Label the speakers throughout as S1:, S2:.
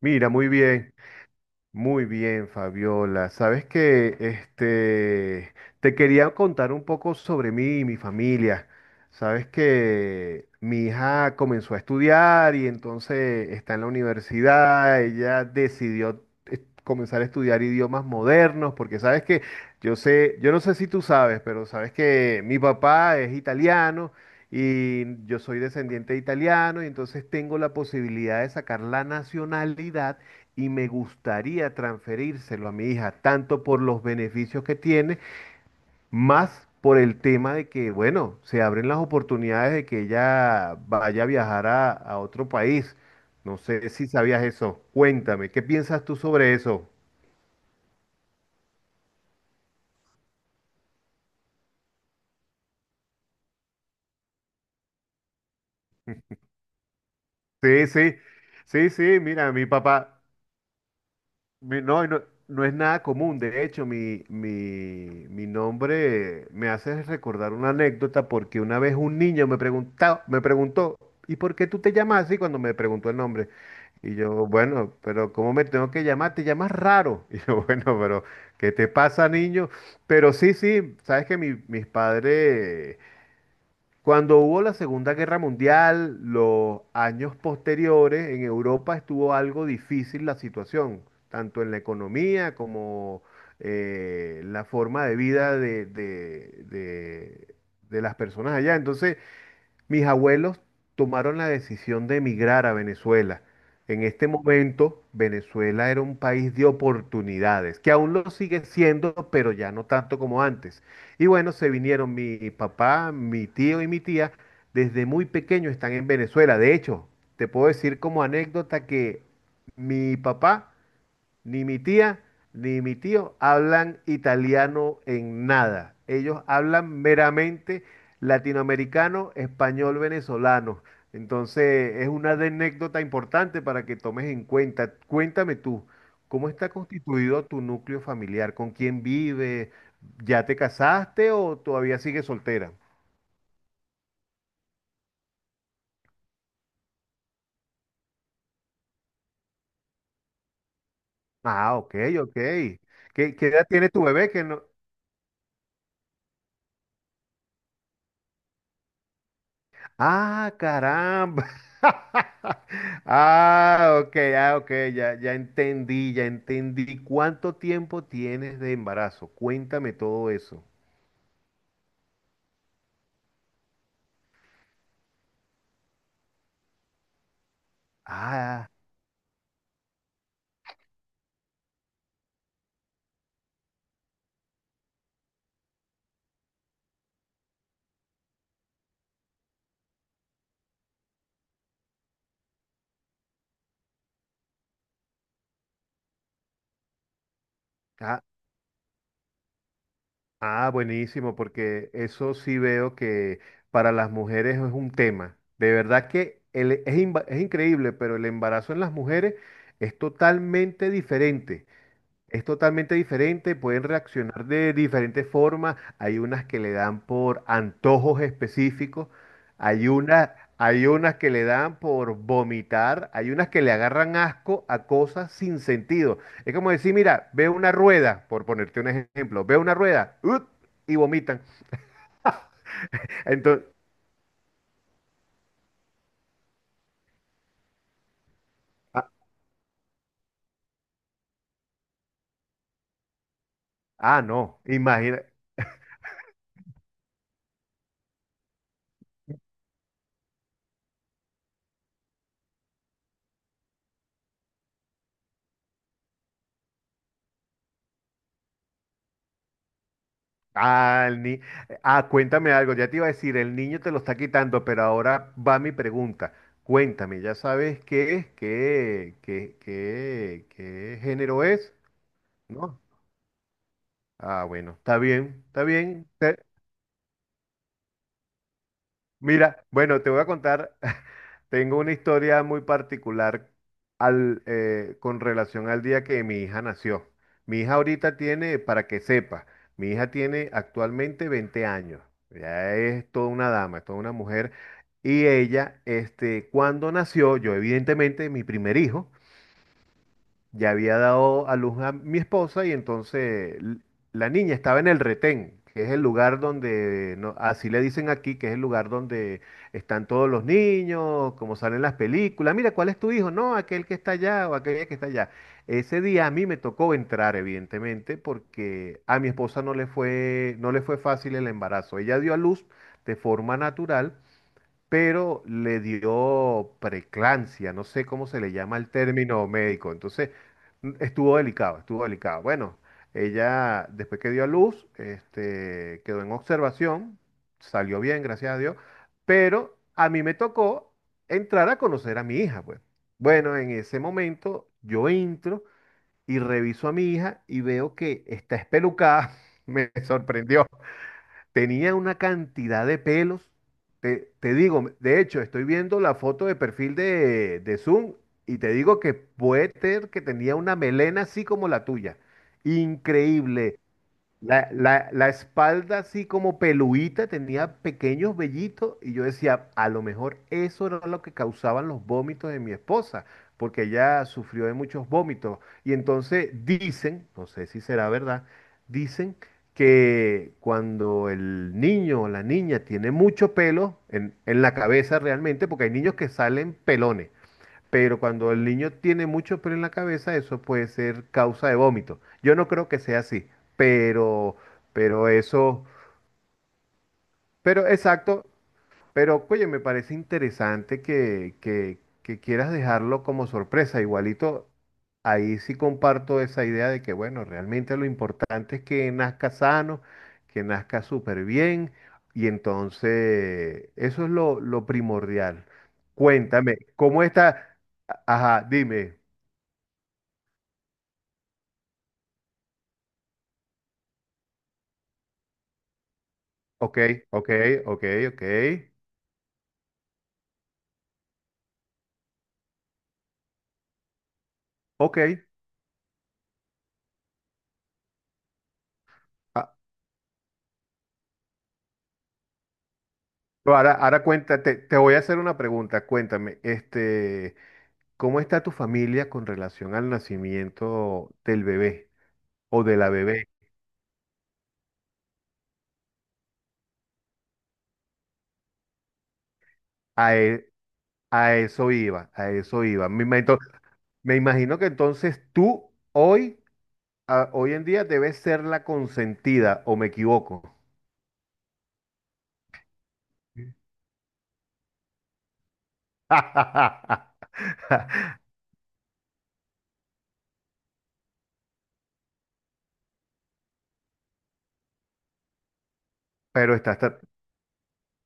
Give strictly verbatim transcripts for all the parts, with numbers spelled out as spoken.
S1: Mira, muy bien, muy bien, Fabiola. Sabes que este te quería contar un poco sobre mí y mi familia. Sabes que mi hija comenzó a estudiar y entonces está en la universidad. Ella decidió eh, comenzar a estudiar idiomas modernos, porque sabes que yo sé, yo no sé si tú sabes, pero sabes que mi papá es italiano y yo soy descendiente de italiano y entonces tengo la posibilidad de sacar la nacionalidad y me gustaría transferírselo a mi hija, tanto por los beneficios que tiene, más por el tema de que, bueno, se abren las oportunidades de que ella vaya a viajar a, a otro país. No sé si sabías eso. Cuéntame, ¿qué piensas tú sobre eso? Sí, sí, sí, sí, mira, mi papá. Mi- No, y no, no es nada común. De hecho, mi, mi, mi nombre me hace recordar una anécdota porque una vez un niño me preguntaba, me preguntó, ¿y por qué tú te llamas así cuando me preguntó el nombre? Y yo, bueno, pero ¿cómo me tengo que llamar? Te llamas raro. Y yo, bueno, pero ¿qué te pasa, niño? Pero sí, sí, sabes que mi- mis padres cuando hubo la Segunda Guerra Mundial, los años posteriores, en Europa estuvo algo difícil la situación, tanto en la economía como eh, la forma de vida de, de- de- de las personas allá. Entonces, mis abuelos tomaron la decisión de emigrar a Venezuela. En este momento, Venezuela era un país de oportunidades, que aún lo sigue siendo, pero ya no tanto como antes. Y bueno, se vinieron mi papá, mi tío y mi tía. Desde muy pequeño están en Venezuela. De hecho, te puedo decir como anécdota que mi papá ni mi tía ni mi tío hablan italiano en nada. Ellos hablan meramente latinoamericano, español, venezolano. Entonces, es una anécdota importante para que tomes en cuenta. Cuéntame tú, ¿cómo está constituido tu núcleo familiar? ¿Con quién vive? ¿Ya te casaste o todavía sigues soltera? Ah, ok, ok. ¿Qué, qué edad tiene tu bebé? Que no... Ah, caramba. Ah, ok, ah, ok, ya, ya entendí, ya entendí. ¿Cuánto tiempo tienes de embarazo? Cuéntame todo eso. Ah, ah, ah, buenísimo, porque eso sí veo que para las mujeres es un tema. De verdad que el- es, imba- es increíble, pero el embarazo en las mujeres es totalmente diferente. Es totalmente diferente, pueden reaccionar de diferentes formas. Hay unas que le dan por antojos específicos, hay unas, hay unas que le dan por vomitar, hay unas que le agarran asco a cosas sin sentido. Es como decir, mira, ve una rueda, por ponerte un ejemplo, ve una rueda, ¡ut! Y vomitan. Entonces, ah, ah, no, imagina. Ah, el ni- ah, cuéntame algo, ya te iba a decir, el niño te lo está quitando, pero ahora va mi pregunta. Cuéntame, ¿ya sabes qué es? ¿Qué, qué, qué, qué género es? ¿No? Ah, bueno, está bien, está bien. Mira, bueno, te voy a contar, tengo una historia muy particular al, eh, con relación al día que mi hija nació. Mi hija ahorita tiene, para que sepa, mi hija tiene actualmente veinte años. Ya es toda una dama, es toda una mujer. Y ella, este, cuando nació, yo evidentemente, mi primer hijo, ya había dado a luz a mi esposa y entonces l- la niña estaba en el retén, que es el lugar donde, no- así le dicen aquí, que es el lugar donde están todos los niños, como salen las películas. Mira, ¿cuál es tu hijo? No, aquel que está allá o aquella que está allá. Ese día a mí me tocó entrar, evidentemente, porque a mi esposa no le fue, no le fue fácil el embarazo. Ella dio a luz de forma natural pero le dio preclancia, no sé cómo se le llama el término médico. Entonces, mm, estuvo delicado, estuvo delicado. Bueno, ella después que dio a luz, este, quedó en observación, salió bien, gracias a Dios, pero a mí me tocó entrar a conocer a mi hija, pues. Bueno, en ese momento yo entro y reviso a mi hija y veo que está espelucada. Me sorprendió. Tenía una cantidad de pelos. Te, te digo, de hecho, estoy viendo la foto de perfil de, de Zoom y te digo que puede ser que tenía una melena así como la tuya. Increíble. La, la- la espalda así como peluita, tenía pequeños vellitos y yo decía, a lo mejor eso era lo que causaban los vómitos de mi esposa, porque ella sufrió de muchos vómitos. Y entonces dicen, no sé si será verdad, dicen que cuando el niño o la niña tiene mucho pelo en, en la cabeza realmente, porque hay niños que salen pelones, pero cuando el niño tiene mucho pelo en la cabeza, eso puede ser causa de vómito. Yo no creo que sea así, pero, pero eso, pero exacto, pero oye, me parece interesante que, que, que quieras dejarlo como sorpresa. Igualito, ahí sí comparto esa idea de que, bueno, realmente lo importante es que nazca sano, que nazca súper bien, y entonces eso es lo, lo primordial. Cuéntame, ¿cómo está? Ajá, dime. Ok, ok, ok, ok, ok. Ah, pero ahora, ahora cuéntate, te voy a hacer una pregunta. Cuéntame, este, ¿cómo está tu familia con relación al nacimiento del bebé o de la bebé? A, e- a eso iba, a eso iba. Me, ima- ento- me imagino que entonces tú hoy, ah, hoy en día debes ser la consentida, ¿o me equivoco? Pero estás,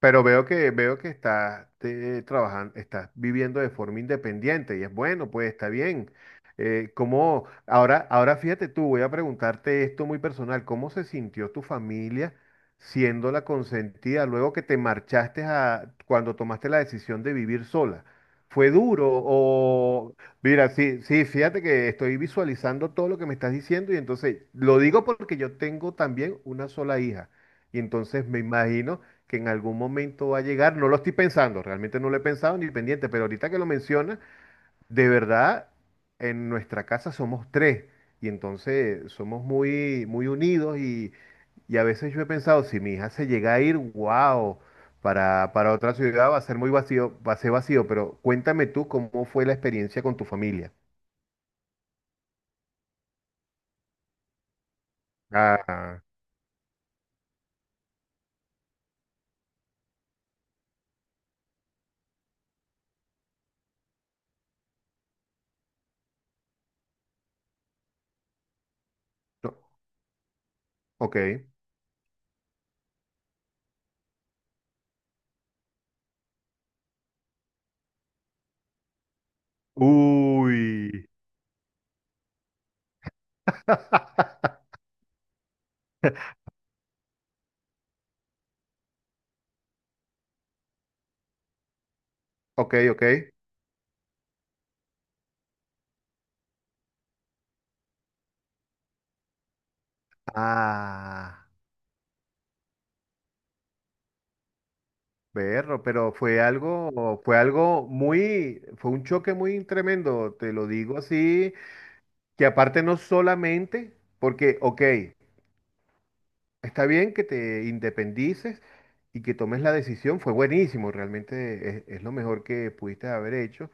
S1: pero veo que veo que estás eh, trabajando, estás viviendo de forma independiente y es bueno, pues está bien. Eh, ¿cómo- ahora, ahora fíjate tú, voy a preguntarte esto muy personal, ¿cómo se sintió tu familia siendo la consentida luego que te marchaste a cuando tomaste la decisión de vivir sola? ¿Fue duro o mira, sí, sí, fíjate que estoy visualizando todo lo que me estás diciendo y entonces lo digo porque yo tengo también una sola hija y entonces me imagino que en algún momento va a llegar. No lo estoy pensando, realmente no lo he pensado ni pendiente, pero ahorita que lo mencionas de verdad, en nuestra casa somos tres y entonces somos muy, muy unidos y, y a veces yo he pensado, si mi hija se llega a ir, wow, para, para otra ciudad va a ser muy vacío, va a ser vacío, pero cuéntame tú cómo fue la experiencia con tu familia. Ah, no, ok. Uy. Ok, ok. Ah. Berro, pero fue algo, fue algo muy, fue un choque muy tremendo, te lo digo así, que aparte no solamente, porque, ok, está bien que te independices y que tomes la decisión, fue buenísimo, realmente es, es lo mejor que pudiste haber hecho,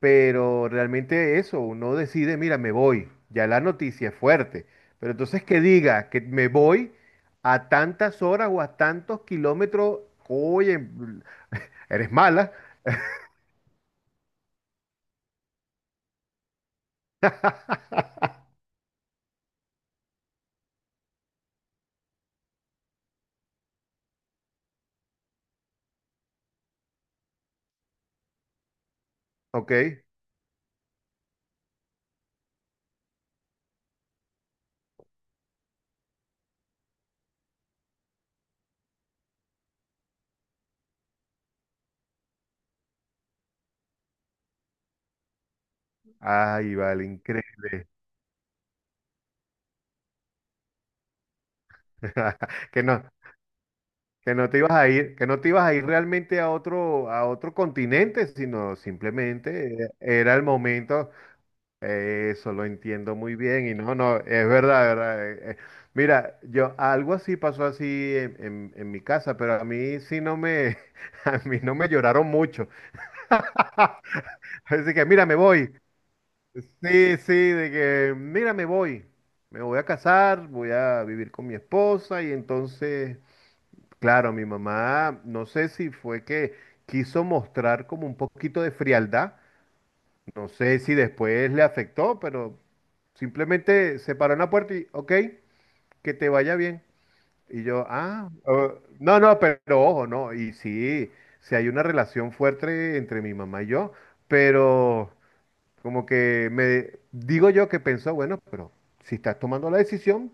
S1: pero realmente eso, uno decide, mira, me voy, ya la noticia es fuerte, pero entonces que diga que me voy a tantas horas o a tantos kilómetros, oye, eres mala, ok. Ay, vale, increíble. Que no, que no te ibas a ir, que no te ibas a ir realmente a otro, a otro continente, sino simplemente eh, era el momento. Eh, Eso lo entiendo muy bien. Y no, no, es verdad, verdad. Eh, eh. Mira, yo algo así pasó así en, en- en mi casa, pero a mí sí no me, a mí no me lloraron mucho. Así que, mira, me voy. Sí, sí, de que, mira, me voy. Me voy a casar, voy a vivir con mi esposa y entonces. Claro, mi mamá, no sé si fue que quiso mostrar como un poquito de frialdad, no sé si después le afectó, pero simplemente se paró en la puerta y, ok, que te vaya bien. Y yo, ah, eh, no, no, pero ojo, no, y sí, sí hay una relación fuerte entre mi mamá y yo, pero... Como que me digo yo que pensó, bueno, pero si estás tomando la decisión,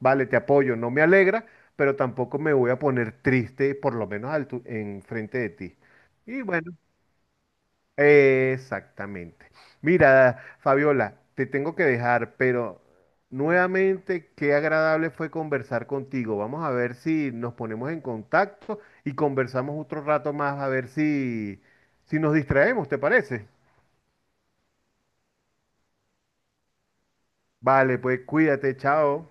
S1: vale, te apoyo, no me alegra, pero tampoco me voy a poner triste, por lo menos al tu- en frente de ti. Y bueno, exactamente. Mira, Fabiola, te tengo que dejar, pero nuevamente qué agradable fue conversar contigo. Vamos a ver si nos ponemos en contacto y conversamos otro rato más a ver si si nos distraemos, ¿te parece? Vale, pues cuídate, chao.